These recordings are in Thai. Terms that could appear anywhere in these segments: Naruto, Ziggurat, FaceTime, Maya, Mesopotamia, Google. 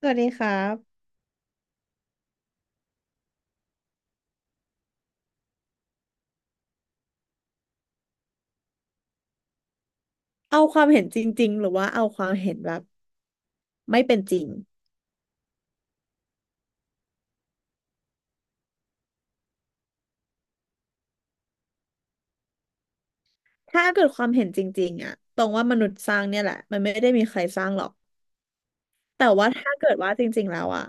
สวัสดีครับเอาความเห็นจริงๆหรือว่าเอาความเห็นแบบไม่เป็นจริงถ้าเกิดความเห็นจริงๆอะตรงว่ามนุษย์สร้างเนี่ยแหละมันไม่ได้มีใครสร้างหรอกแต่ว่าถ้าเกิดว่าจริงๆแล้วอะ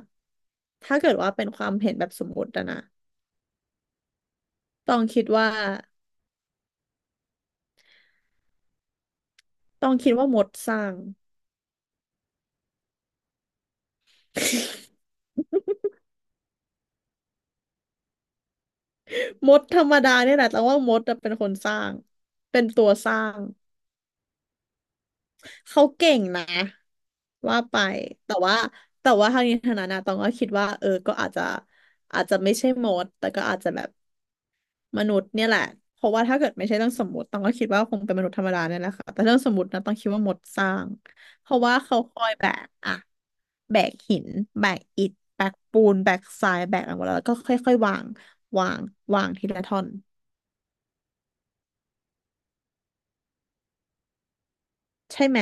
ถ้าเกิดว่าเป็นความเห็นแบบสมมติอะนะต้องคิดว่าต้องคิดว่ามดสร้าง มดธรรมดาเนี่ยแหละแต้องว่ามดอะเป็นคนสร้างเป็นตัวสร้างเขาเก่งนะว่าไปแต่ว่าแต่ว่าทางนี้ทางนั้นนะต้องก็คิดว่าเออก็อาจจะอาจจะไม่ใช่มดแต่ก็อาจจะแบบ มนุษย์เนี่ยแหละเพราะว่าถ้าเกิดไม่ใช่เรื่องสมมติต้องก็คิดว่าคงเป็นมนุษย์ธรรมดาเนี่ยแหละค่ะแต่เรื่องสมมตินะต้องคิดว่ามดสร้างเพราะว่าเขาคอยแบกอะแบกหินแบกอิฐแบกปูนแบกทรายแบกอะไรหมดแล้วแล้วก็ค่อยๆวางวางวางทีละท่อนใช่ไหม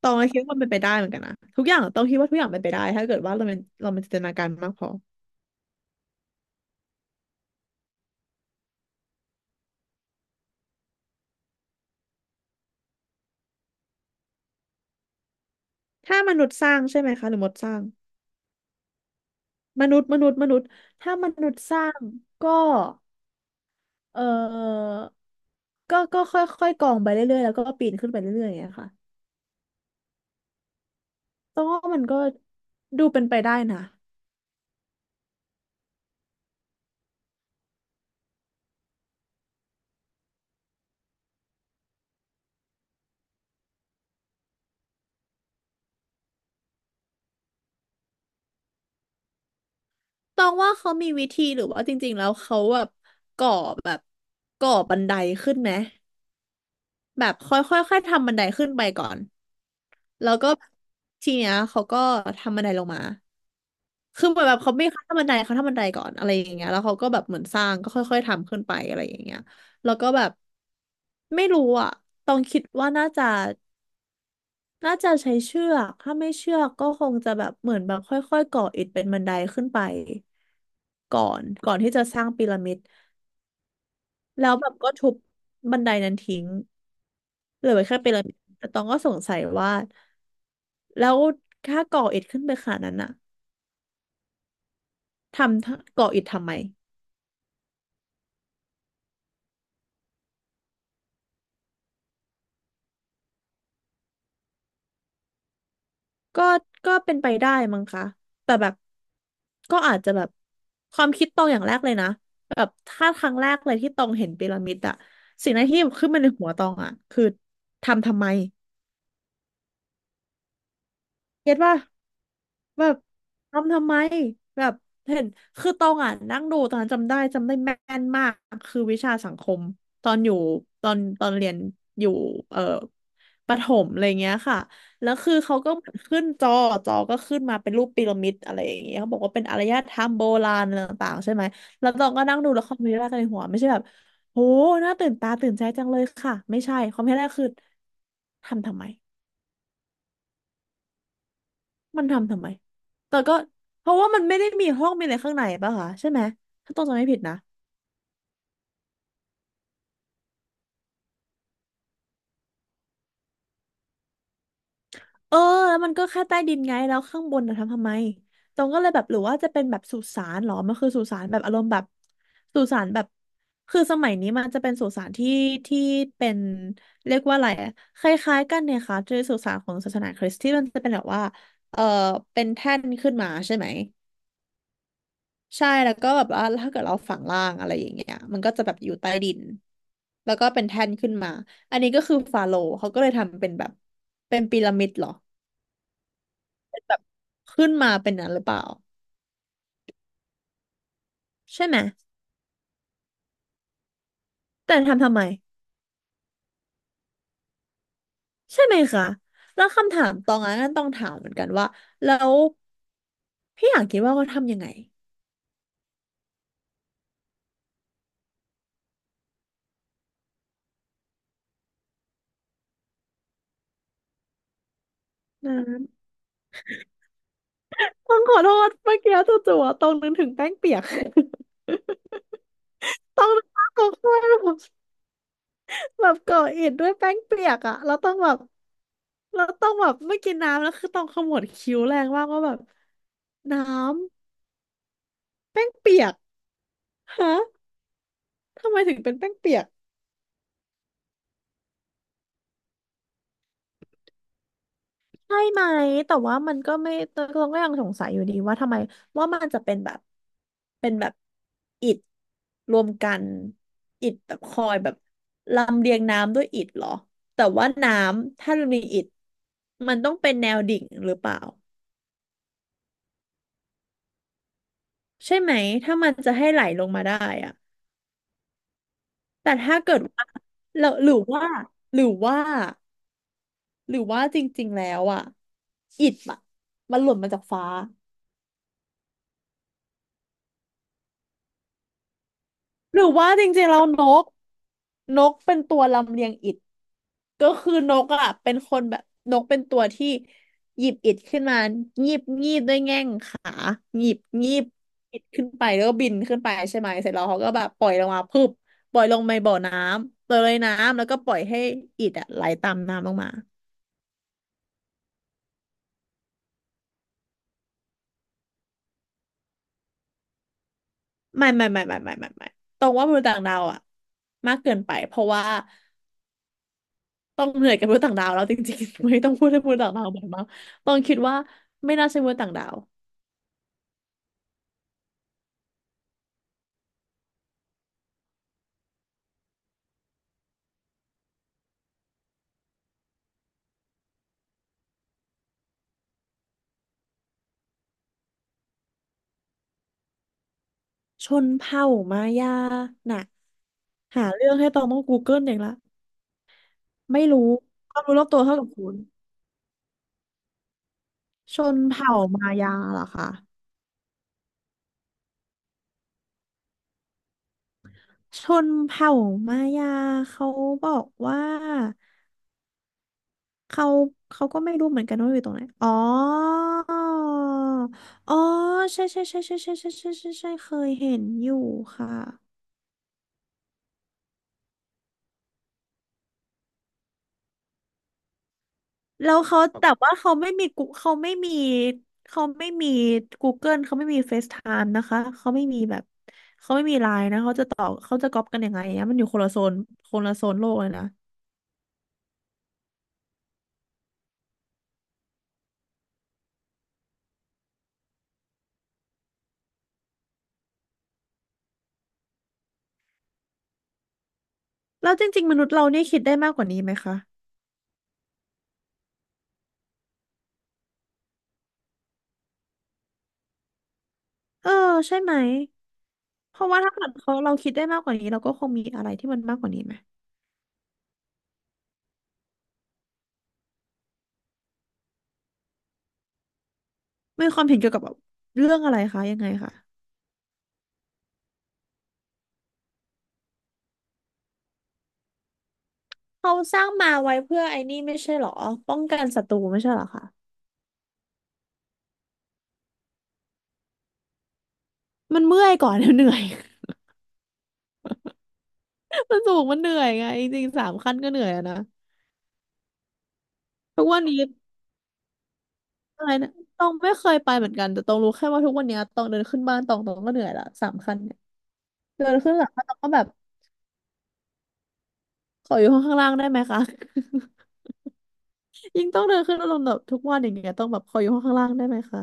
ตองก็คิดว่ามันเป็นไปได้เหมือนกันนะทุกอย่างต้องคิดว่าทุกอย่างเป็นไปได้ถ้าเกิดว่าเราเป็นจินตนาการมากพอถ้ามนุษย์สร้างใช่ไหมคะหรือมดสร้างมนุษย์ถ้ามนุษย์สร้างก็ เออก็ค่อยๆกองไปเรื่อยๆแล้วก็ปีนขึ้นไปเรื่อยๆอย่างเงี้ยค่ะตองว่ามันก็ดูเป็นไปได้นะตองว่าเขามีวิธีหรือว่าจริงๆแล้วเขาแบบก่อแบบก่อบันไดขึ้นไหมแบบค่อยๆค่อยๆทำบันไดขึ้นไปก่อนแล้วก็ทีเนี้ยเขาก็ทำบันไดลงมาคือเหมือนแบบเขาไม่ขั้นบันไดเขาทำบันไดก่อนอะไรอย่างเงี้ยแล้วเขาก็แบบเหมือนสร้างก็ค่อยๆทำขึ้นไปอะไรอย่างเงี้ยแล้วก็แบบไม่รู้อ่ะต้องคิดว่าน่าจะ น่าจะใช้เชือกถ้าไม่เชือกก็คงจะแบบเหมือนแบบค่อยๆก่ออิฐเป็นบันไดขึ้นไปก่อนที่จะสร้างพีระมิดแล้วแบบก็ทุบบันไดนั้นทิ้งเหลือไว้แค่พีระมิดแต่ตองก็สงสัยว่าแล้วถ้าก่ออิฐขึ้นไปขนาดนั้นอะทำก่ออิฐทำไม ก็ก็เป็นไปได้มั้งคะแต่แบบก็อาจจะแบบความคิดตรงอย่างแรกเลยนะแบบถ้าครั้งแรกเลยที่ตองเห็นพีระมิดอะสิ่งแรกที่ขึ้นมาในหัวตองอะคือทำทำไม เก็ตป่ะแบบทำทำไมแบบเห็นคือตองอ่ะนั่งดูตอนนั้นจำได้แม่นมากคือวิชาสังคมตอนอยู่ตอนเรียนอยู่เอ่อประถมอะไรเงี้ยค่ะแล้วคือเขาก็เหมือนขึ้นจอจอก็ขึ้นมาเป็นรูปพีระมิดอะไรอย่างเงี้ยเขาบอกว่าเป็นอารยธรรมโบราณอะไรต่างๆใช่ไหมแล้วตองก็นั่งดูแล้วคอมเมนต์แรกในหัวไม่ใช่แบบโหน่าตื่นตาตื่นใจจังเลยค่ะไม่ใช่คอมเมนต์แรกคือทำทำไม มันทำทำไม แต่ก็เพราะว่ามันไม่ได้มีห้องมีอะไรข้างในป่ะคะใช่ไหมถ้าต้องจำไม่ผิดนะเออแล้วมันก็แค่ใต้ดินไงแล้วข้างบนนะทำทำไมตรงก็เลยแบบหรือว่าจะเป็นแบบสุสานเหรอมันคือสุสานแบบอารมณ์แบบสุสานแบบคือสมัยนี้มันจะเป็นสุสานที่เป็นเรียกว่าอะไรอะคล้ายๆกันเนี่ยค่ะจะสุสานของศาสนาคริสต์ที่มันจะเป็นแบบว่าเออเป็นแท่นขึ้นมาใช่ไหม ใช่แล้วก็แบบว่าถ้าเกิดเราฝังล่างอะไรอย่างเงี้ยมันก็จะแบบอยู่ใต้ดินแล้วก็เป็นแท่นขึ้นมาอันนี้ก็คือฟาโรห์เขาก็เลยทำเป็นแบบเป็นพีระมิดเหรอแบบขึ้นมาเป็นนั้นหรือเปล่าใช่ไหมแต่ทำทำไมใช่ไหมคะแล้วคำถามตองนั้นต้องถามเหมือนกันว่าแล้วพี่อยากคิดว่าเขาทำยังไงนะต้องขอโทษเมื่อกี้จู่ๆอะตองนึกถึงแป้งเปียก ต้องนึกภาพตองข้าม แบบก่ออิฐด้วยแป้งเปียกอ่ะเราต้องแบบเราต้องแบบไม่กินน้ำแล้วคือต้องขมวดคิ้วแรงมากว่าแบบน้ำแป้งเปียกฮะทำไมถึงเป็นแป้งเปียกใช่ไหมแต่ว่ามันก็ไม่เราก็ยังสงสัยอยู่ดีว่าทำไมว่ามันจะเป็นแบบอิฐรวมกันอิฐแบบคอยแบบลำเลียงน้ำด้วยอิฐเหรอแต่ว่าน้ำถ้ามันมีอิฐมันต้องเป็นแนวดิ่งหรือเปล่า ใช่ไหมถ้ามันจะให้ไหลลงมาได้อะแต่ถ้าเกิดว่าเราหรือว่าหรือว่าจริงๆแล้วอะอิฐอะมันหล่นมาจากฟ้าหรือว่าจริงๆแล้วนกนกเป็นตัวลำเลียงอิฐ ก็คือนกอ่ะเป็นคนแบบนกเป็นตัวที่หยิบอิฐขึ้นมางีบงีบด้วยแง่งขาหยิบงีบอิฐขึ้นไปแล้วก็บินขึ้นไปใช่ไหมเสร็จแล้วเขาก็แบบปล่อยลงมาพึบปล่อยลงในบ่อน้ำปล่อยลอยน้ำแล้วก็ปล่อยให้อิฐอ่ะไหลตามน้ำลงมาไม่ไม่ไม่ไม่ไม่ไม่ไม่ตรงว่ามนุษย์ต่างดาวอ่ะมากเกินไปเพราะว่าต้องเหนื่อยกับมนุษย์ต่างดาวแล้วจริงๆ ไม่ต้องพูดให้มนุษย์ต่างดาวบ่อยมากต้องคิดว่าไม่น่าใช่มนุษย์ต่างดาว ชนเผ่ามายาน่ะหาเรื่องให้ตองต้อง Google เองละไม่รู้ความรู้รอบตัวเท่ากับคุณ ชนเผ่ามายาเหรอคะชนเผ่ามายาเขาบอกว่าเขาเขาก็ไม่รู้เหมือนกันว่าอยู่ตรงไหนอ๋อ อ๋อ ใช่ใช่ใช่ใช่ใช่ใช่ใช่ใช่ใช่เคยเห็นอยู่ค่ะ แล้วเขาแต่ว่าเขาไม่มีกูเขาไม่มี Google เขาไม่มี FaceTime นะคะเขาไม่มีแบบเขาไม่มีไลน์นะเขาจะต่อเขาจะก๊อปกันยังไงอะมันอยู่คนละโซนคนละโซนโลกเลยนะแล้วจริงๆมนุษย์เราเนี่ยคิดได้มากกว่านี้ไหมคะเออใช่ไหมเพราะว่าถ้าเกิดเขาเราคิดได้มากกว่านี้เราก็คงมีอะไรที่มันมากกว่านี้ไหมมีความเห็นเกี่ยวกับแบบเรื่องอะไรคะยังไงคะเขาสร้างมาไว้เพื่อไอ้นี่ไม่ใช่เหรอป้องกันศัตรูไม่ใช่เหรอคะมันเมื่อยก่อน เหนื่อย มันสูงมันเหนื่อยไงจริงๆสามขั้นก็เหนื่อยอะนะทุกวันนี้อะไรนะตองไม่เคยไปเหมือนกันแต่ตองรู้แค่ว่าทุกวันนี้ตองเดินขึ้นบ้านตองก็เหนื่อยละสามขั้นเนี่ยเดินขึ้นหลังบ้านตองก็แบบขออยู่ห้องข้างล่างได้ไหมคะ ยิ่งต้องเดินขึ้นอารมณ์แบบทุกวันอย่างเงี้ยต้องแบบขออยู่ห้องข้างล่างได้ไหมคะ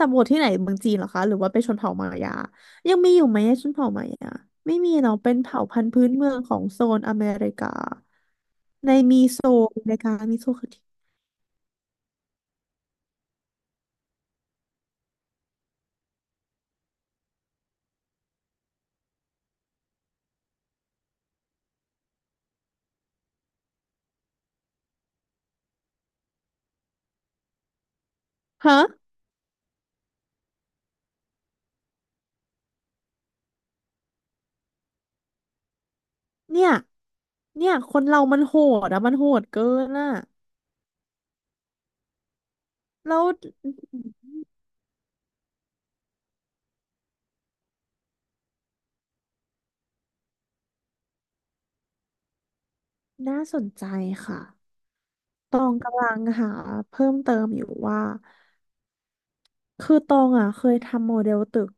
สำรวจที่ไหนเมืองจีนเหรอคะหรือว่าเป็นชนเผ่ามายายังมีอยู่ไหมชนเผ่ามายาไม่มีเนาะเป็นเผ่าพันธุ์พื้นเมืองของโซนอเมริกาโซนอเมริกามีโซนคอทีฮะ เนี่ยเนี่ยคนเรามันโหดอะมันโหดเกินอะแล้วน่าสนใจค่ะตองกำลังหาเพิ่มเติมอยู่ว่า คือตองอะเคยทำโมเดลตึก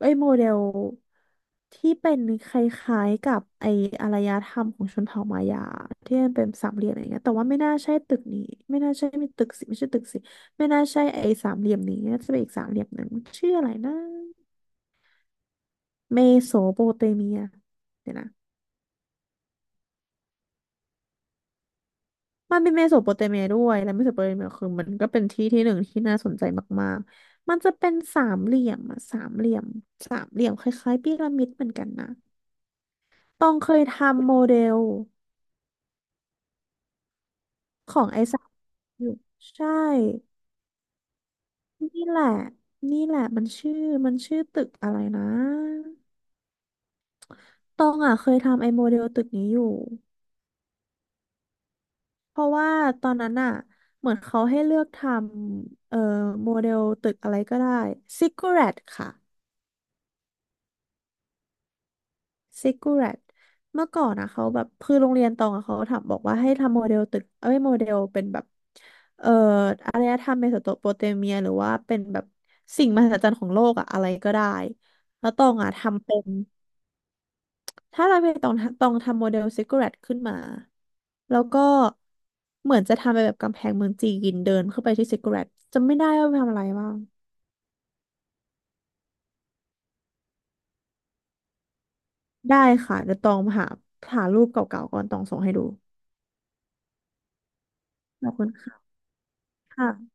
ไอ้ยโมเดลที่เป็นคล้ายๆกับไอ้อารยธรรมของชนเผ่ามายาที่มันเป็นสามเหลี่ยมอะไรเงี้ยแต่ว่าไม่น่าใช่ตึกนี้ไม่น่าใช่มีตึกสิไม่ใช่ตึกสิไม่น่าใช่ไอ้สามเหลี่ยมนี้น่าจะเป็นอีกสามเหลี่ยมหนึ่งชื่ออะไรนะเมโสโปเตเมียเดี๋ยวนะ มันเป็นเมโสโปเตเมียด้วยและเมโสโปเตเมียคือมันก็เป็นที่ที่หนึ่งที่น่าสนใจมากๆ มันจะเป็นสามเหลี่ยมอะสามเหลี่ยมสามเหลี่ยมคล้ายๆพีระมิดเหมือนกันนะต้องเคยทำโมเดลของไอ้สามอยู่ใช่นี่แหละนี่แหละมันชื่อมันชื่อตึกอะไรนะตองอ่ะเคยทำไอ้โมเดลตึกนี้อยู่เพราะว่าตอนนั้นอ่ะเหมือนเขาให้เลือกทำโมเดลตึกอะไรก็ได้Ziggurat ค่ะ ซิกูแรตเมื่อก่อนนะเขาแบบคือโรงเรียนตองอะเขาถามบอกว่าให้ทำโมเดลตึกเอ้ยโมเดลเป็นแบบเอ่ออารยธรรมเมโสโปเตเมียหรือว่าเป็นแบบสิ่งมหัศจรรย์ของโลกอะอะไรก็ได้แล้วตองอะทำเป็นถ้าเราไปตองตองทำโมเดลซิกูแรตขึ้นมาแล้วก็เหมือนจะทำเป็นแบบกำแพงเมืองจีนเดินเข้าไปที่ซิกูแรตจำไม่ได้ว่าไปทำอะไรบ้างได้ค่ะเดี๋ยวตองหาหารูปเก่าๆก่อนตองส่งให้ดูขอบคุณค่ะ